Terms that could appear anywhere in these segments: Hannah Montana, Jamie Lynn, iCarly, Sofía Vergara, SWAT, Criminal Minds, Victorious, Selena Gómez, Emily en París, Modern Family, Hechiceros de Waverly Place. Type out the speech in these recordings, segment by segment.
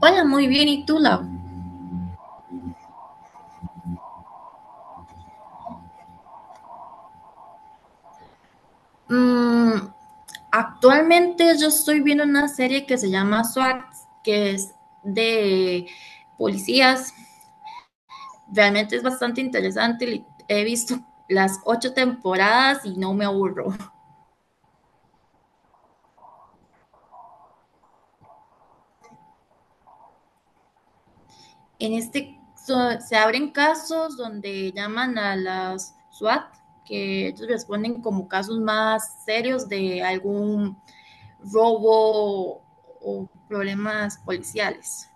Hola, muy bien. ¿Y tú, Lau? Mm, actualmente yo estoy viendo una serie que se llama SWAT, que es de policías. Realmente es bastante interesante. He visto las 8 temporadas y no me aburro. En se abren casos donde llaman a las SWAT, que ellos responden como casos más serios de algún robo o problemas policiales.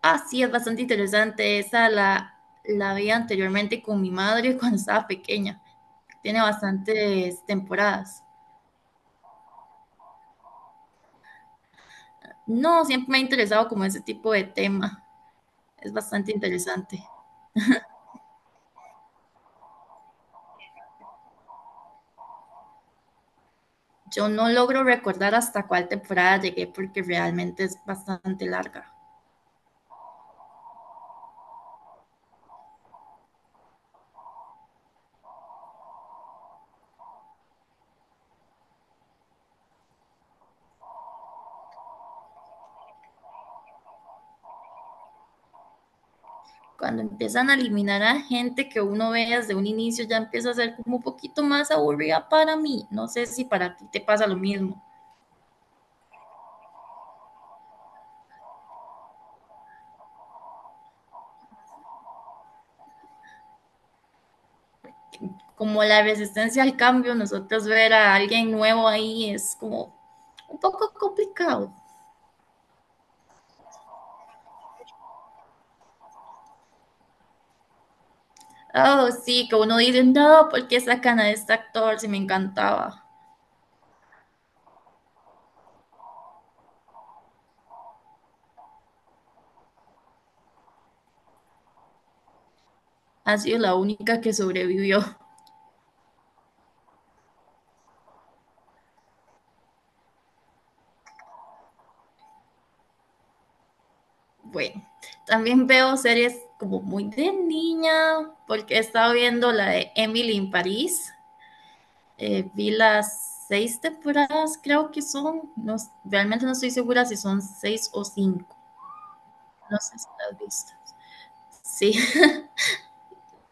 Así es bastante interesante. La vi anteriormente con mi madre cuando estaba pequeña. Tiene bastantes temporadas. No, siempre me ha interesado como ese tipo de tema. Es bastante interesante. Yo no logro recordar hasta cuál temporada llegué porque realmente es bastante larga. Cuando empiezan a eliminar a gente que uno ve desde un inicio, ya empieza a ser como un poquito más aburrida para mí. No sé si para ti te pasa lo mismo. Como la resistencia al cambio, nosotros ver a alguien nuevo ahí es como un poco complicado. Oh, sí, que uno dice, no, ¿por qué sacan a este actor si me encantaba? Ha sido la única que sobrevivió. Bueno, también veo series como muy de niña, porque he estado viendo la de Emily en París. Vi las 6 temporadas, creo que son. No, realmente no estoy segura si son 6 o 5. No sé si las has visto. Sí,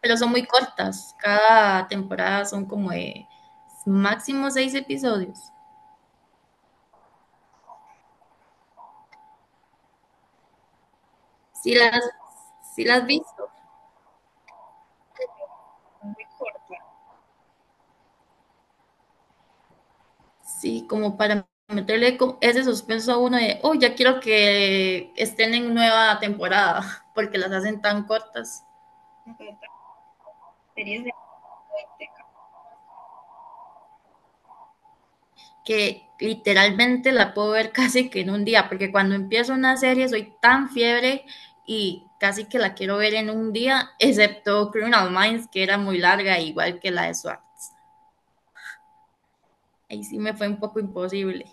pero son muy cortas. Cada temporada son como de máximo 6 episodios. Si las, si las has visto, sí, como para meterle ese suspenso a uno de, oh, ya quiero que estén en nueva temporada, porque las hacen tan cortas que literalmente la puedo ver casi que en un día, porque cuando empiezo una serie soy tan fiebre y casi que la quiero ver en un día, excepto Criminal Minds, que era muy larga, igual que la de SWAT. Ahí sí me fue un poco imposible.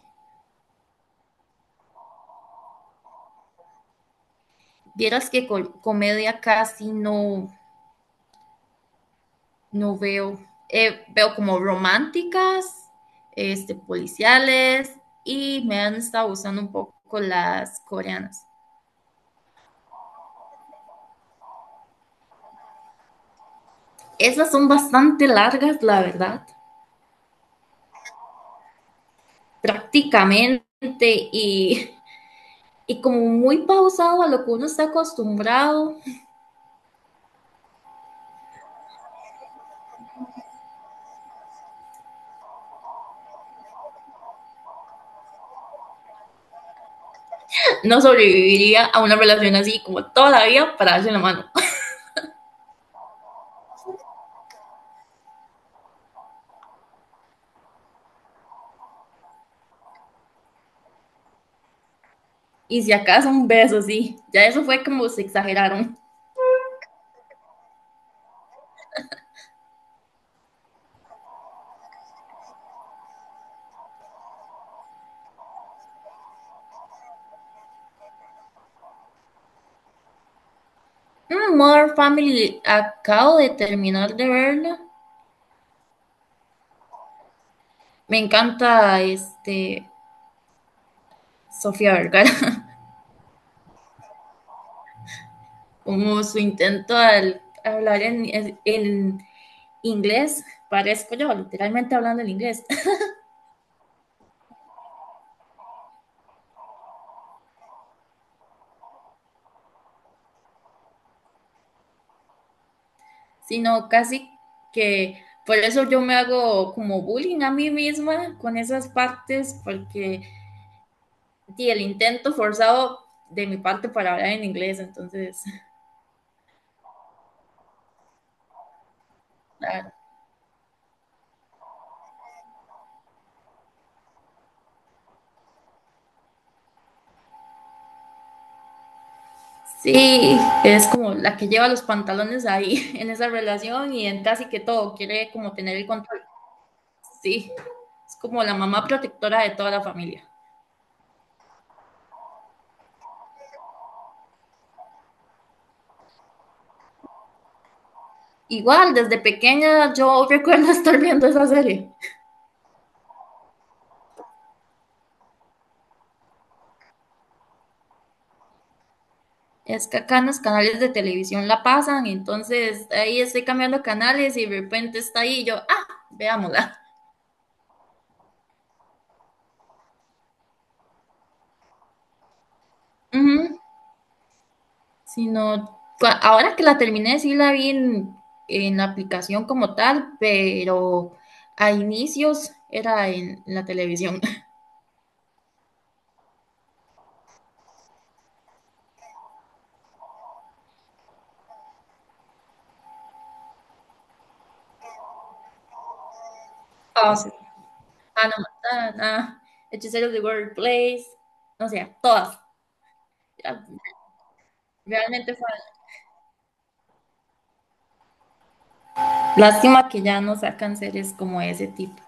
Vieras que comedia casi no, no veo. Veo como románticas, policiales y me han estado gustando un poco las coreanas. Esas son bastante largas, la verdad, prácticamente, y como muy pausado a lo que uno está acostumbrado. No sobreviviría a una relación así como toda la vida para darse la mano. Y si acaso un beso, sí. Ya eso fue como se exageraron. Modern Family, acabo de terminar de verla. Me encanta Sofía Vergara, como su intento al hablar en inglés, parezco yo, literalmente hablando en inglés, sino casi que por eso yo me hago como bullying a mí misma con esas partes, porque di, el intento forzado de mi parte para hablar en inglés, entonces Sí, es como la que lleva los pantalones ahí en esa relación y en casi que todo, quiere como tener el control. Sí, es como la mamá protectora de toda la familia. Igual, desde pequeña yo recuerdo estar viendo esa serie. Es que acá en los canales de televisión la pasan, entonces ahí estoy cambiando canales y de repente está ahí y yo, ah, veámosla. Ujú. Ahora que la terminé, sí la vi en la aplicación como tal, pero a inicios era en la televisión. Ah, sí. Hannah Montana, Hechiceros de World Place, no sea todas. Era- Realmente fue. Lástima que ya no sacan series como ese tipo.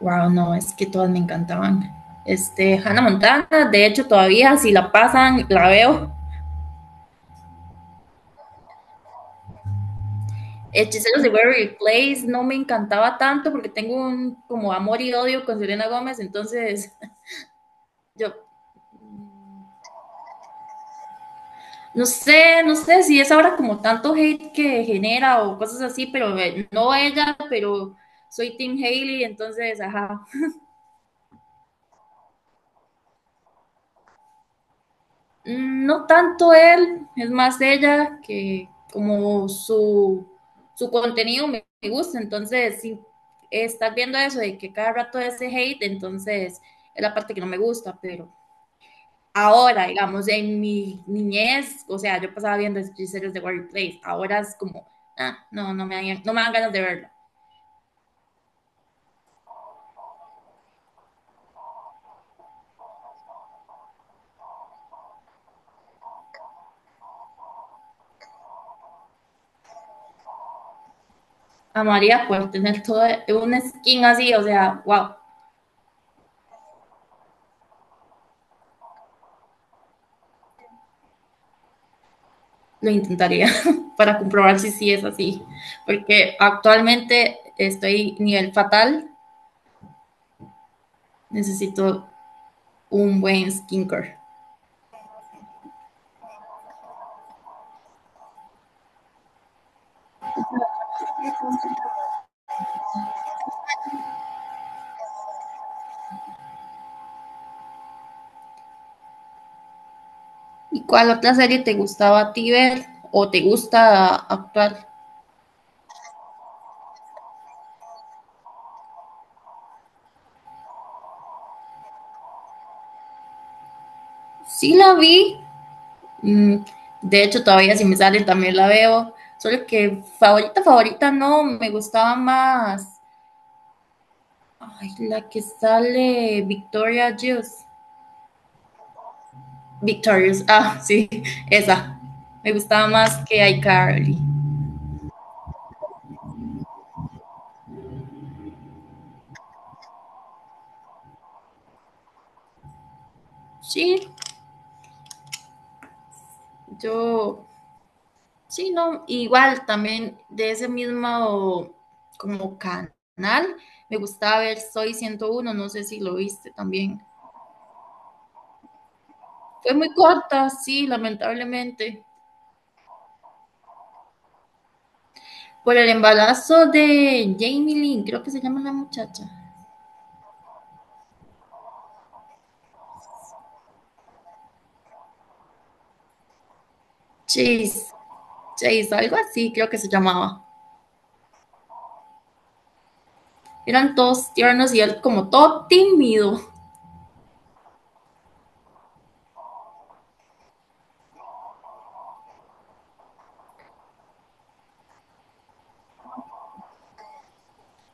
Wow, no, es que todas me encantaban. Hannah Montana, de hecho, todavía si la pasan, la veo. Hechiceros de Waverly Place no me encantaba tanto porque tengo un como amor y odio con Selena Gómez, entonces yo no sé si es ahora como tanto hate que genera o cosas así, pero no ella, pero soy Team Haley, entonces, ajá, no tanto él, es más ella que como su, su contenido me gusta, entonces si estás viendo eso de que cada rato ese hate, entonces es la parte que no me gusta, pero ahora, digamos, en mi niñez, o sea, yo pasaba viendo series de Warrior Place. Ahora es como, ah, no me dan ganas de verla. Amaría poder tener todo un skin así, o sea, wow, lo intentaría para comprobar si sí es así. Porque actualmente estoy nivel fatal, necesito un buen skincare. ¿Y cuál otra serie te gustaba a ti ver o te gusta actuar? Sí la vi. Mm, de hecho, todavía si me sale también la veo. Solo que favorita, favorita no, me gustaba más. Ay, la que sale Victoria Juice. Victorious, ah, sí, esa. Me gustaba más que iCarly. Sí, yo, sí, no, igual también de ese mismo como canal, me gustaba ver Soy 101, no sé si lo viste también. Fue muy corta, sí, lamentablemente. Por el embarazo de Jamie Lynn, creo que se llama la muchacha. Chase, Chase, algo así creo que se llamaba. Eran todos tiernos y él como todo tímido.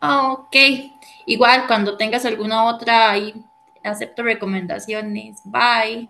Ah, ok. Igual, cuando tengas alguna otra ahí, acepto recomendaciones. Bye.